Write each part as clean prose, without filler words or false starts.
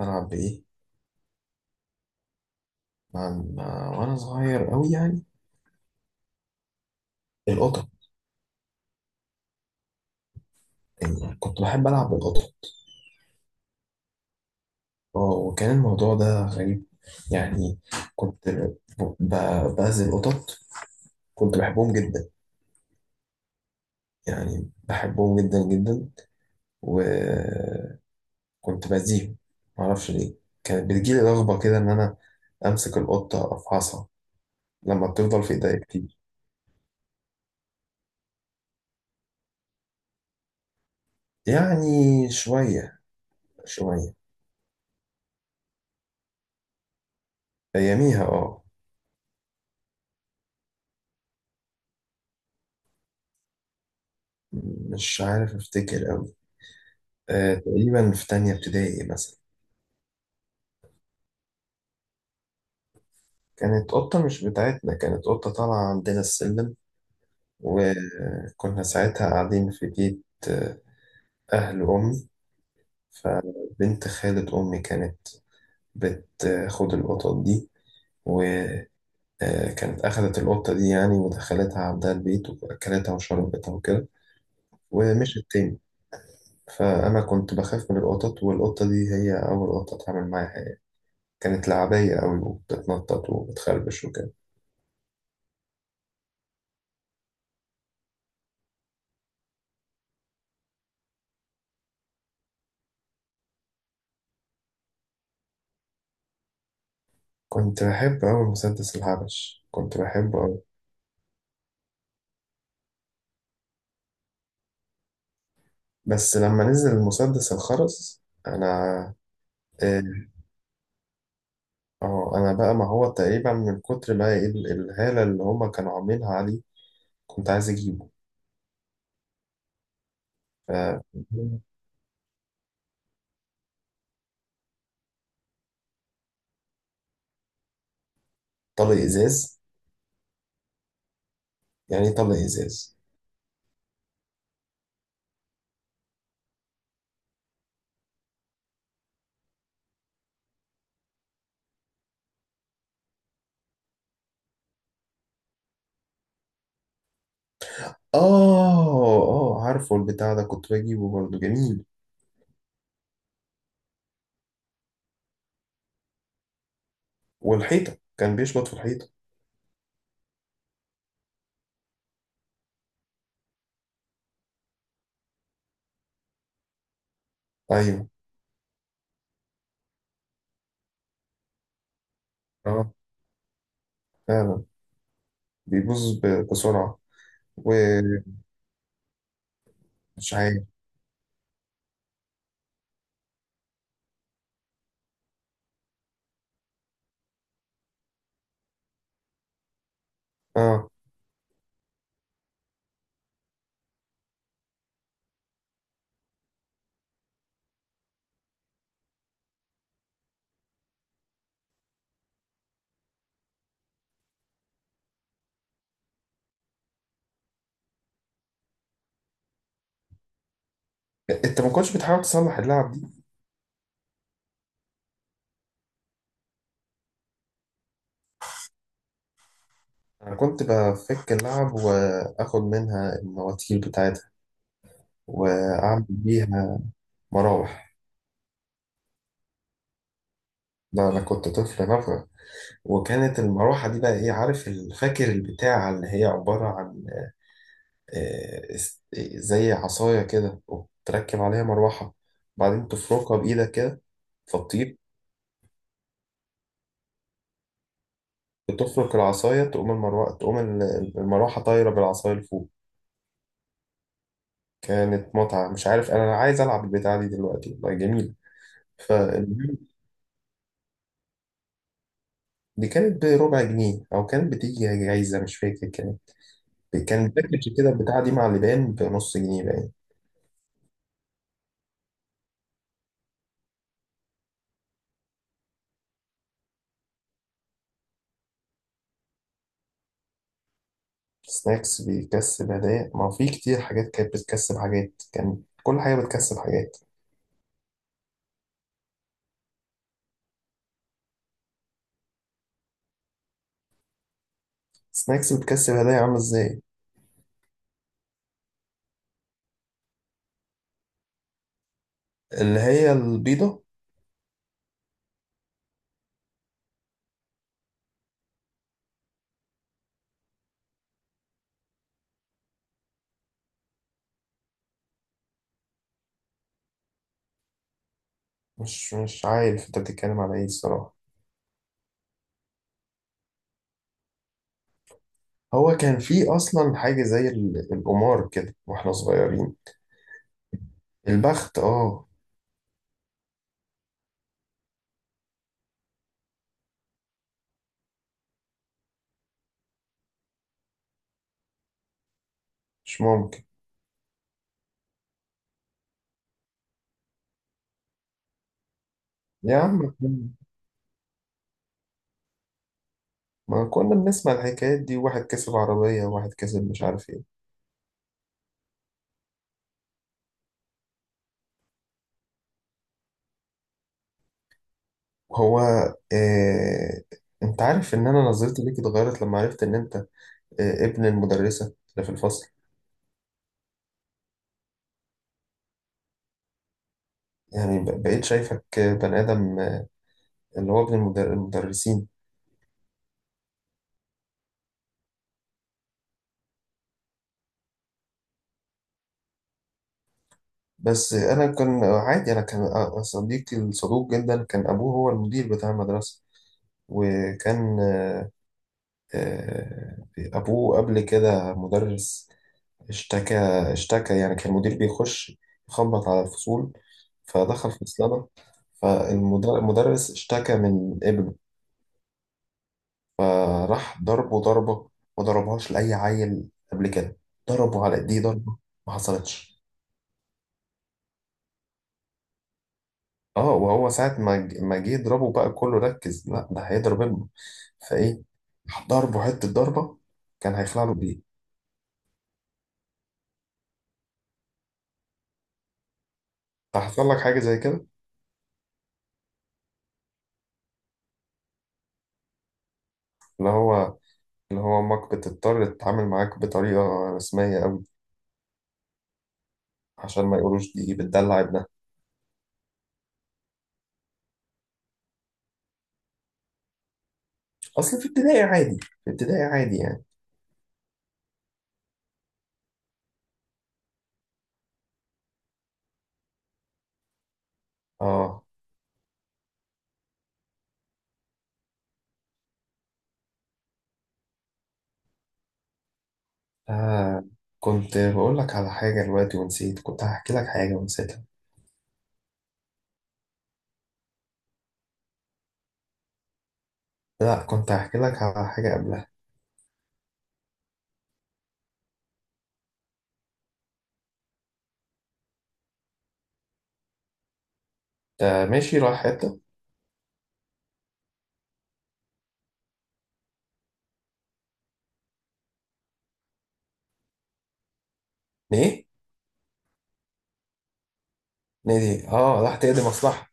ألعب بإيه؟ مع وأنا صغير أوي يعني القطط. يعني كنت بحب ألعب بالقطط. اه، وكان الموضوع ده غريب. يعني كنت ب- بأذي القطط. كنت بحبهم جدا، يعني بحبهم جدا جدا، وكنت بأذيهم. معرفش ليه. كانت بتجيلي رغبة كده إن أنا أمسك القطة أفحصها لما بتفضل في إيديا كتير. يعني شوية أياميها، اه. مش عارف أفتكر أوي. تقريبا في تانية ابتدائي مثلا. كانت قطة مش بتاعتنا، كانت قطة طالعة عندنا السلم، وكنا ساعتها قاعدين في بيت أهل أمي. فبنت خالة أمي كانت بتاخد القطط دي، وكانت أخدت القطة دي يعني ودخلتها عندها البيت وأكلتها وشربتها وكده، ومشت تاني. فأنا كنت بخاف من القطط، والقطة دي هي أول قطة أتعامل معاها يعني. كانت لعبية أوي وبتتنطط وبتخربش وكده. كنت بحب أوي مسدس الحبش، كنت بحبه أوي. بس لما نزل المسدس الخرز، أنا اه، أنا بقى ما هو تقريبا من كتر ما الهالة اللي هما كانوا عاملينها عليه كنت عايز أجيبه. ف- طلق إزاز، يعني إيه طلق إزاز؟ آه آه، عارفه البتاع ده، كنت بجيبه برضه، جميل. والحيطة، كان بيشبط في الحيطة. أيوه، آه، فعلا. بيبوظ بسرعة. ومش عارف. آه. أنت ما كنتش بتحاول تصلح اللعبة؟ أنا كنت بفك اللعب وآخد منها المواتير بتاعتها وأعمل بيها مراوح. ده أنا كنت طفل نفغ. وكانت المروحة دي بقى إيه، عارف الفاكر البتاع اللي هي عبارة عن آه، است- زي عصاية كده وتركب عليها مروحة، بعدين تفركها بإيدك كده فتطير. بتفرك العصاية تقوم المروحة، تقوم المروحة طايرة بالعصاية لفوق. كانت متعة، مش عارف، أنا عايز ألعب البتاع دي دلوقتي، والله جميل. ف دي كانت بربع جنيه او كانت بتيجي جايزه، مش فاكر. كانت كان باكج كده بتاع دي مع لبان بنص جنيه باين. سناكس بيكسب هدايا؟ ما هو في كتير حاجات كانت بتكسب حاجات، كان كل حاجه بتكسب حاجات. سناكس بتكسب هدايا عامله ازاي؟ اللي هي البيضه؟ مش عارف انت بتتكلم على ايه الصراحه. هو كان في اصلا حاجه زي القمار كده واحنا صغيرين. البخت، اه. مش ممكن. يا عم، ما كنا بنسمع الحكايات دي، واحد كسب عربية وواحد كسب مش عارف ايه. هو إيه... انت عارف ان انا نظرتي ليك اتغيرت لما عرفت ان انت إيه، ابن المدرسة اللي في الفصل. يعني بقيت شايفك آه، بني ادم، آه، اللي هو ابن المدرسين. بس آه، انا كان عادي، انا كان آه، صديقي الصدوق جدا كان ابوه هو المدير بتاع المدرسة. وكان آه، آه، أبوه قبل كده مدرس. اشتكى، اشتكى يعني. كان المدير بيخش يخبط على الفصول، فدخل فصلنا، فالمدرس اشتكى من ابنه. فراح ضربه ضربة، ما ضربهاش لأي عيل قبل كده. ضربه على ايديه ضربة ما حصلتش. اه، وهو ساعة ما ما جه يضربه بقى كله ركز، لا ده هيضرب ابنه. فايه، راح ضربه حتة ضربة، كان هيخلع له بايه. تحصل لك حاجة زي كده؟ اللي هو اللي هو امك بتضطر تتعامل معاك بطريقة رسمية، عشان ما يقولوش دي بتدلع ابنها. اصل في ابتدائي عادي، في ابتدائي عادي يعني. اه. آه. كنت بقول لك على حاجة دلوقتي ونسيت، كنت هحكي لك حاجة ونسيتها. لا كنت هحكي لك على حاجة قبلها. انت ماشي رايح حتة ليه؟ نادي، اه، راح تقضي مصلحة؟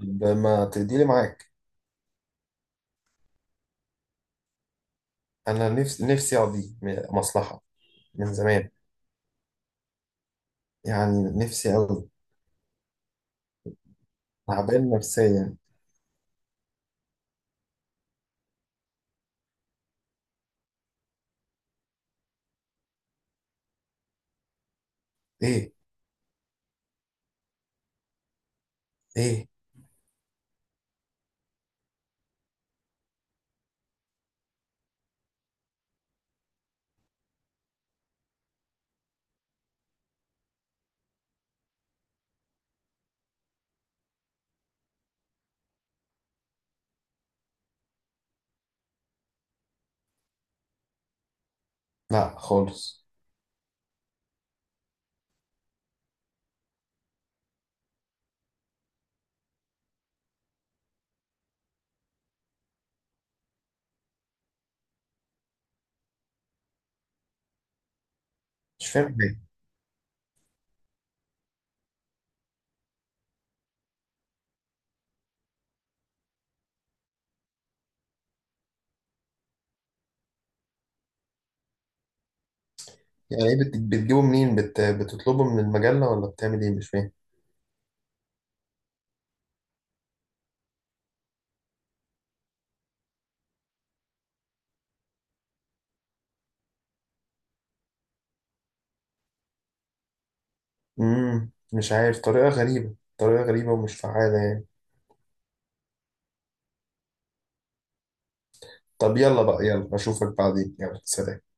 طب ما تقضي لي معاك، انا نفسي نفسي اقضي مصلحة من زمان، يعني نفسي أوي، تعبان نفسيا. ايه؟ ايه؟ لا خالص. مش فاهم. يعني ايه، بتجيبه منين، بتطلبه من المجلة ولا بتعمل ايه؟ مش فاهم. امم، مش عارف، طريقة غريبة، طريقة غريبة ومش فعالة يعني. طب يلا بقى، يلا اشوفك بعدين، يلا سلام.